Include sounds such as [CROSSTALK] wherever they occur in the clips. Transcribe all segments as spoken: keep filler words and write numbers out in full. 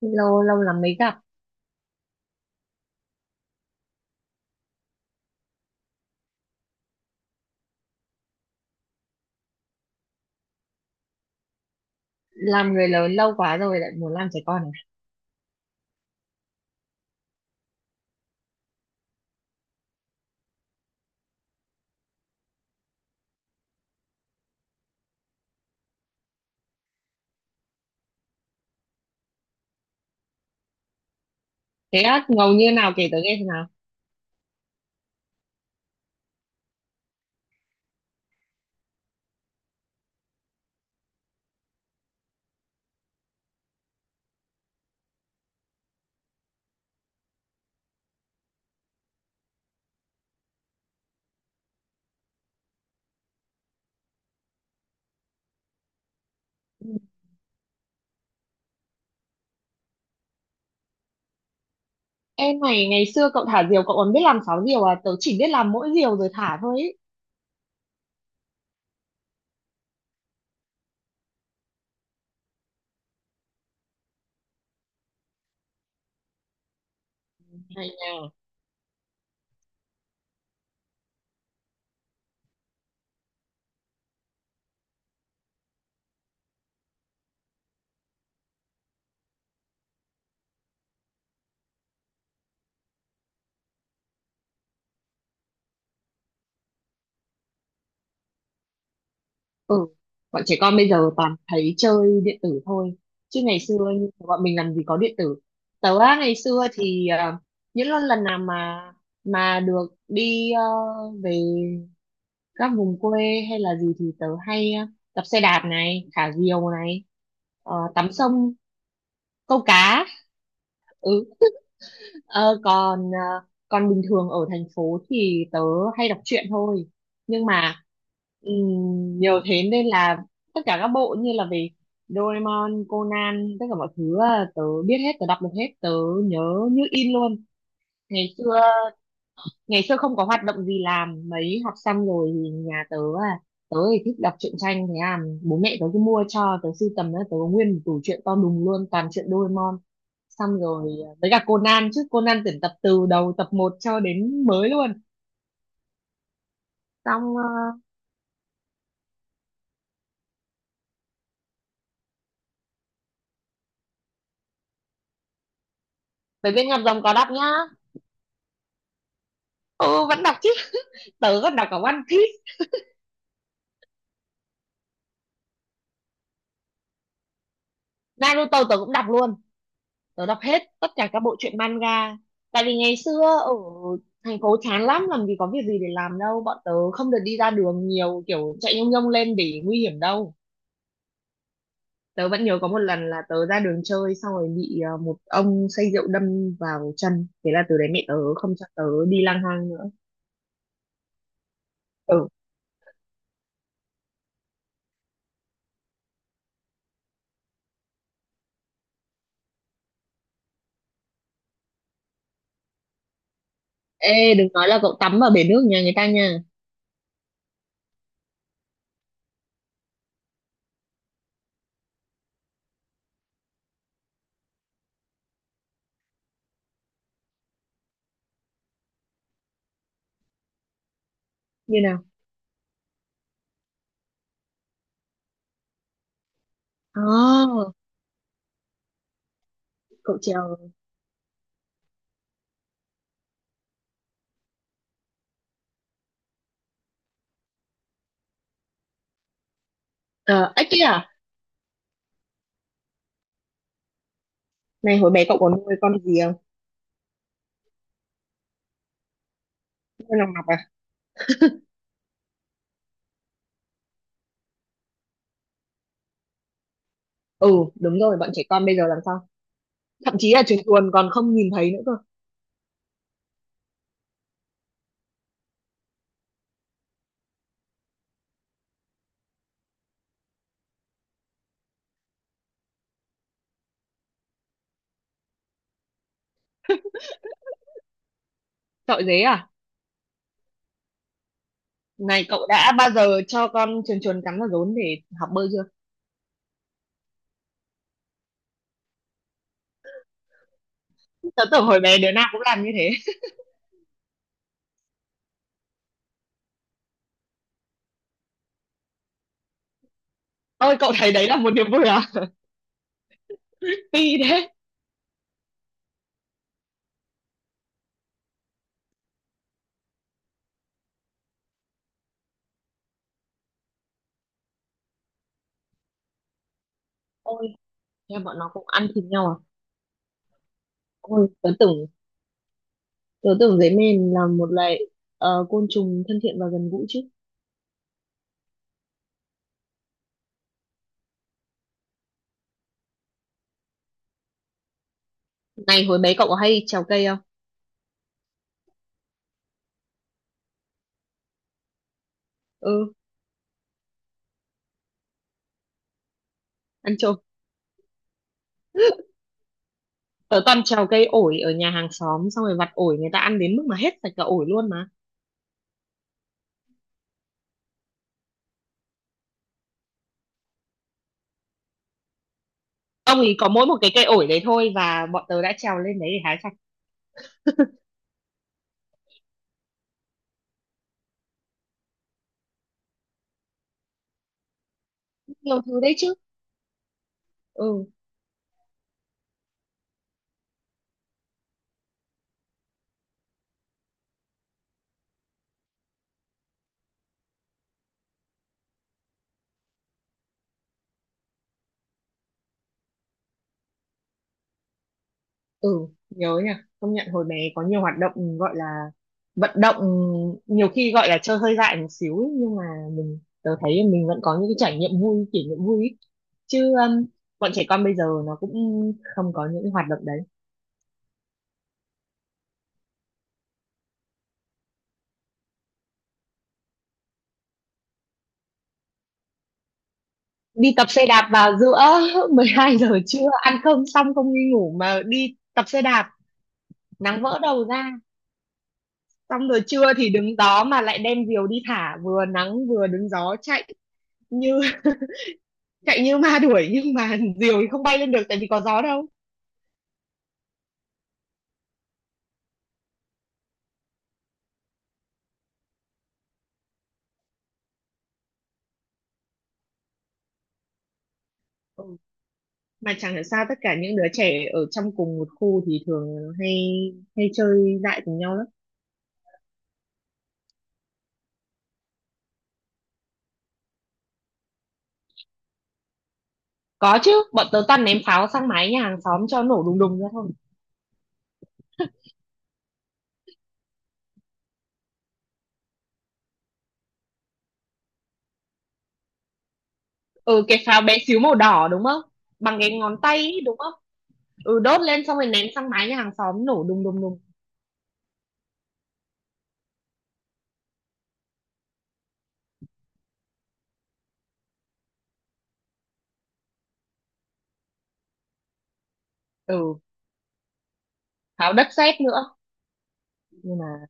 Lâu lâu lắm mới gặp. Làm người lớn lâu quá rồi lại muốn làm trẻ con à? Thế á, ngầu như nào kể tớ nghe xem nào. Em này, ngày xưa cậu thả diều cậu còn biết làm sáu diều à? Tớ chỉ biết làm mỗi diều rồi thả thôi ấy. Hay nha. Ừ. Bọn trẻ con bây giờ toàn thấy chơi điện tử thôi, chứ ngày xưa như bọn mình làm gì có điện tử. Tớ á, ngày xưa thì à, những lần lần nào mà mà được đi ờ, về các vùng quê hay là gì thì tớ hay ờ, đạp xe đạp này, thả diều này, ờ, tắm sông, câu cá. Ừ. Ờ, còn ờ, còn bình thường ở thành phố thì tớ hay đọc truyện thôi, nhưng mà ừm, nhiều thế nên là tất cả các bộ như là về Doraemon, Conan, tất cả mọi thứ ờ, tớ biết hết, tớ đọc được hết, tớ nhớ như in luôn. Ngày xưa, ngày xưa không có hoạt động gì làm mấy, học xong rồi thì nhà tớ. à Tớ thì thích đọc truyện tranh, thế à bố mẹ tớ cứ mua cho tớ sưu tầm đó, tớ có nguyên một tủ truyện to đùng luôn, toàn truyện Doraemon, xong rồi à, với cả Conan, chứ Conan tuyển tập từ đầu tập một cho đến mới luôn. Xong uh, về bên ngọc rồng có đọc nhá. Ừ, vẫn đọc chứ. Tớ còn đọc cả One Piece. Naruto tớ cũng đọc luôn. Tớ đọc hết tất cả các bộ truyện manga, tại vì ngày xưa ở thành phố chán lắm, làm gì có việc gì để làm đâu, bọn tớ không được đi ra đường nhiều kiểu chạy nhông nhông lên để nguy hiểm đâu. Tớ vẫn nhớ có một lần là tớ ra đường chơi xong rồi bị ờ, một ông say rượu đâm vào chân, thế là từ đấy mẹ tớ không cho tớ đi lang thang nữa. Ừ. Ê, đừng nói là cậu tắm ở bể nước nhà người ta nha. Như nào? À, cậu trèo? Ờ, ếch kia à? Này, hồi bé cậu có nuôi con gì không? Nuôi lòng ngọc à? Ừ, đúng rồi, bọn trẻ con bây giờ làm sao. Thậm chí là chuồn chuồn còn không nhìn thấy nữa cơ. Sợ dế à? Này, cậu đã bao giờ cho con chuồn chuồn cắn vào rốn để học bơi chưa? Tớ tưởng hồi bé đứa nào cũng làm như thế. Ôi, cậu thấy đấy là một niềm vui à? Phi thế? Ôi, em bọn nó cũng ăn thịt nhau à? Ôi, tớ tưởng tớ tưởng dế mèn là một loại ờ, côn trùng thân thiện và gần gũi chứ. Này, hồi bé cậu có hay trèo cây không? Ừ. Ăn trộm. Tớ toàn trèo cây ổi ở nhà hàng xóm xong rồi vặt ổi người ta ăn đến mức mà hết sạch cả ổi luôn mà. Ông ấy có mỗi một cái cây ổi đấy thôi và bọn tớ đã trèo lên đấy để hái. Nhiều thứ đấy chứ. Ừ, ừ. Nhớ nhỉ. Công nhận hồi bé có nhiều hoạt động gọi là vận động, nhiều khi gọi là chơi hơi dại một xíu ấy, nhưng mà mình tớ thấy mình vẫn có những cái trải nghiệm vui, kỷ niệm vui ấy. Chứ um, bọn trẻ con bây giờ nó cũng không có những cái hoạt động đấy. Đi tập xe đạp vào giữa [LAUGHS] mười hai giờ trưa, ăn cơm xong không đi ngủ mà đi tập xe đạp, nắng vỡ đầu ra. Xong rồi trưa thì đứng gió mà lại đem diều đi thả, vừa nắng vừa đứng gió, chạy như chạy như ma đuổi, nhưng mà [LAUGHS] diều thì không bay lên được tại vì có gió đâu. Ừ. Mà chẳng hiểu sao tất cả những đứa trẻ ở trong cùng một khu thì thường hay hay chơi dại cùng nhau lắm. Có chứ, bọn tớ toàn ném pháo sang mái nhà hàng xóm cho nổ đùng đùng ra thôi. Ừ, cái pháo bé xíu màu đỏ đúng không? Bằng cái ngón tay ấy, đúng không? Ừ, đốt lên xong rồi ném sang mái nhà hàng xóm nổ đùng đùng đùng. Ừ, pháo đất sét nữa. Nhưng mà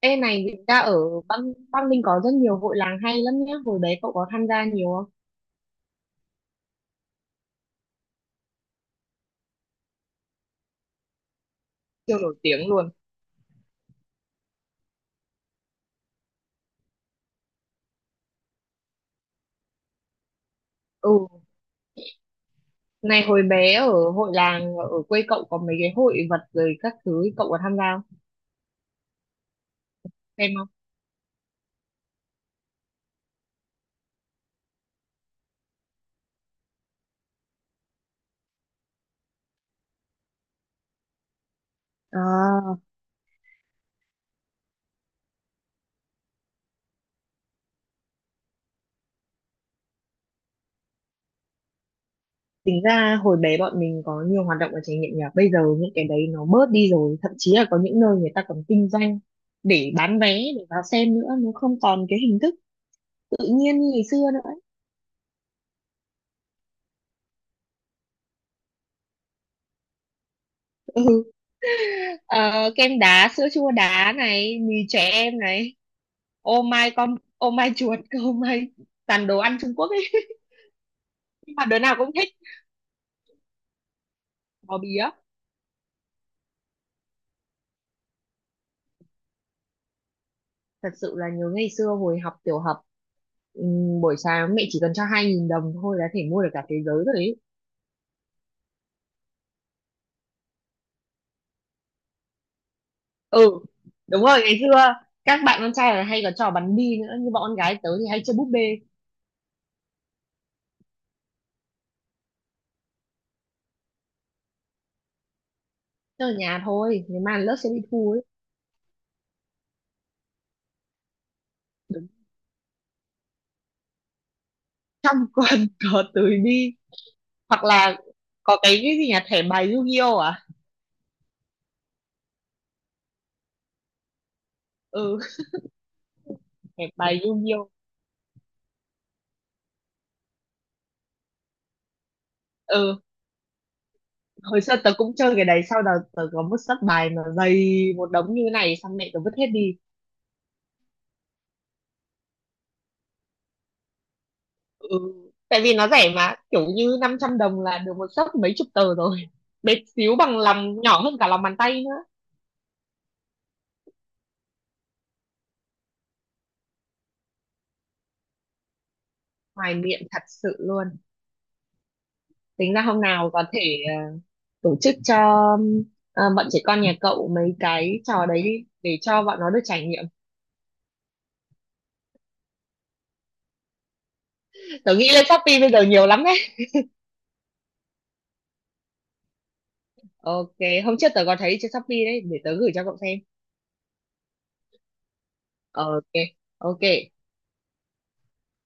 ê này, người ta ở băng băng ninh có rất nhiều hội làng hay lắm nhá, hồi đấy cậu có tham gia nhiều không? Siêu nổi tiếng luôn. Ừ. Này, hồi bé ở hội làng ở quê cậu có mấy cái hội vật rồi các thứ, cậu có tham gia không? Xem không? À, tính ra hồi bé bọn mình có nhiều hoạt động và trải nghiệm nhỉ. Bây giờ những cái đấy nó bớt đi rồi, thậm chí là có những nơi người ta còn kinh doanh để bán vé để vào xem nữa, nó không còn cái hình thức tự nhiên như ngày xưa nữa, ấy. Ừ. Ờ, kem đá, sữa chua đá này, mì trẻ em này, ô mai con, ô mai chuột, [LAUGHS] ô mai, toàn đồ ăn Trung Quốc ấy, nhưng mà đứa nào cũng thích. Bò bía. Thật sự là nhớ ngày xưa hồi học tiểu học, ừm, buổi sáng mẹ chỉ cần cho hai nghìn đồng thôi là thể mua được cả thế giới rồi đấy. Ừ, đúng rồi, ngày xưa các bạn con trai là hay có trò bắn bi nữa, nhưng bọn con gái tớ thì hay chơi búp bê. Chơi ở nhà thôi, nếu mà lớp sẽ đi thu ấy. Đứng trong quần [LAUGHS] có túi bi. Hoặc là có cái cái gì nhỉ, thẻ bài Yu-Gi-Oh à? Ừ. [LAUGHS] Thẻ bài Yu-Gi-Oh. Ừ, hồi xưa tớ cũng chơi cái đấy, sau đó tớ có một sấp bài mà dày một đống như thế này xong mẹ tớ vứt hết đi. Ừ. Tại vì nó rẻ mà, kiểu như năm trăm đồng là được một xấp mấy chục tờ rồi. Bé xíu bằng lòng, nhỏ hơn cả lòng bàn tay nữa. Hoài niệm thật sự luôn. Tính ra hôm nào có thể ờ, tổ chức cho ờ, bọn trẻ con nhà cậu mấy cái trò đấy đi để cho bọn nó được trải nghiệm. Tớ nghĩ lên Shopee bây giờ nhiều lắm đấy. Ok. Hôm trước tớ có thấy trên Shopee đấy, để tớ gửi cho cậu xem. Ok, ok.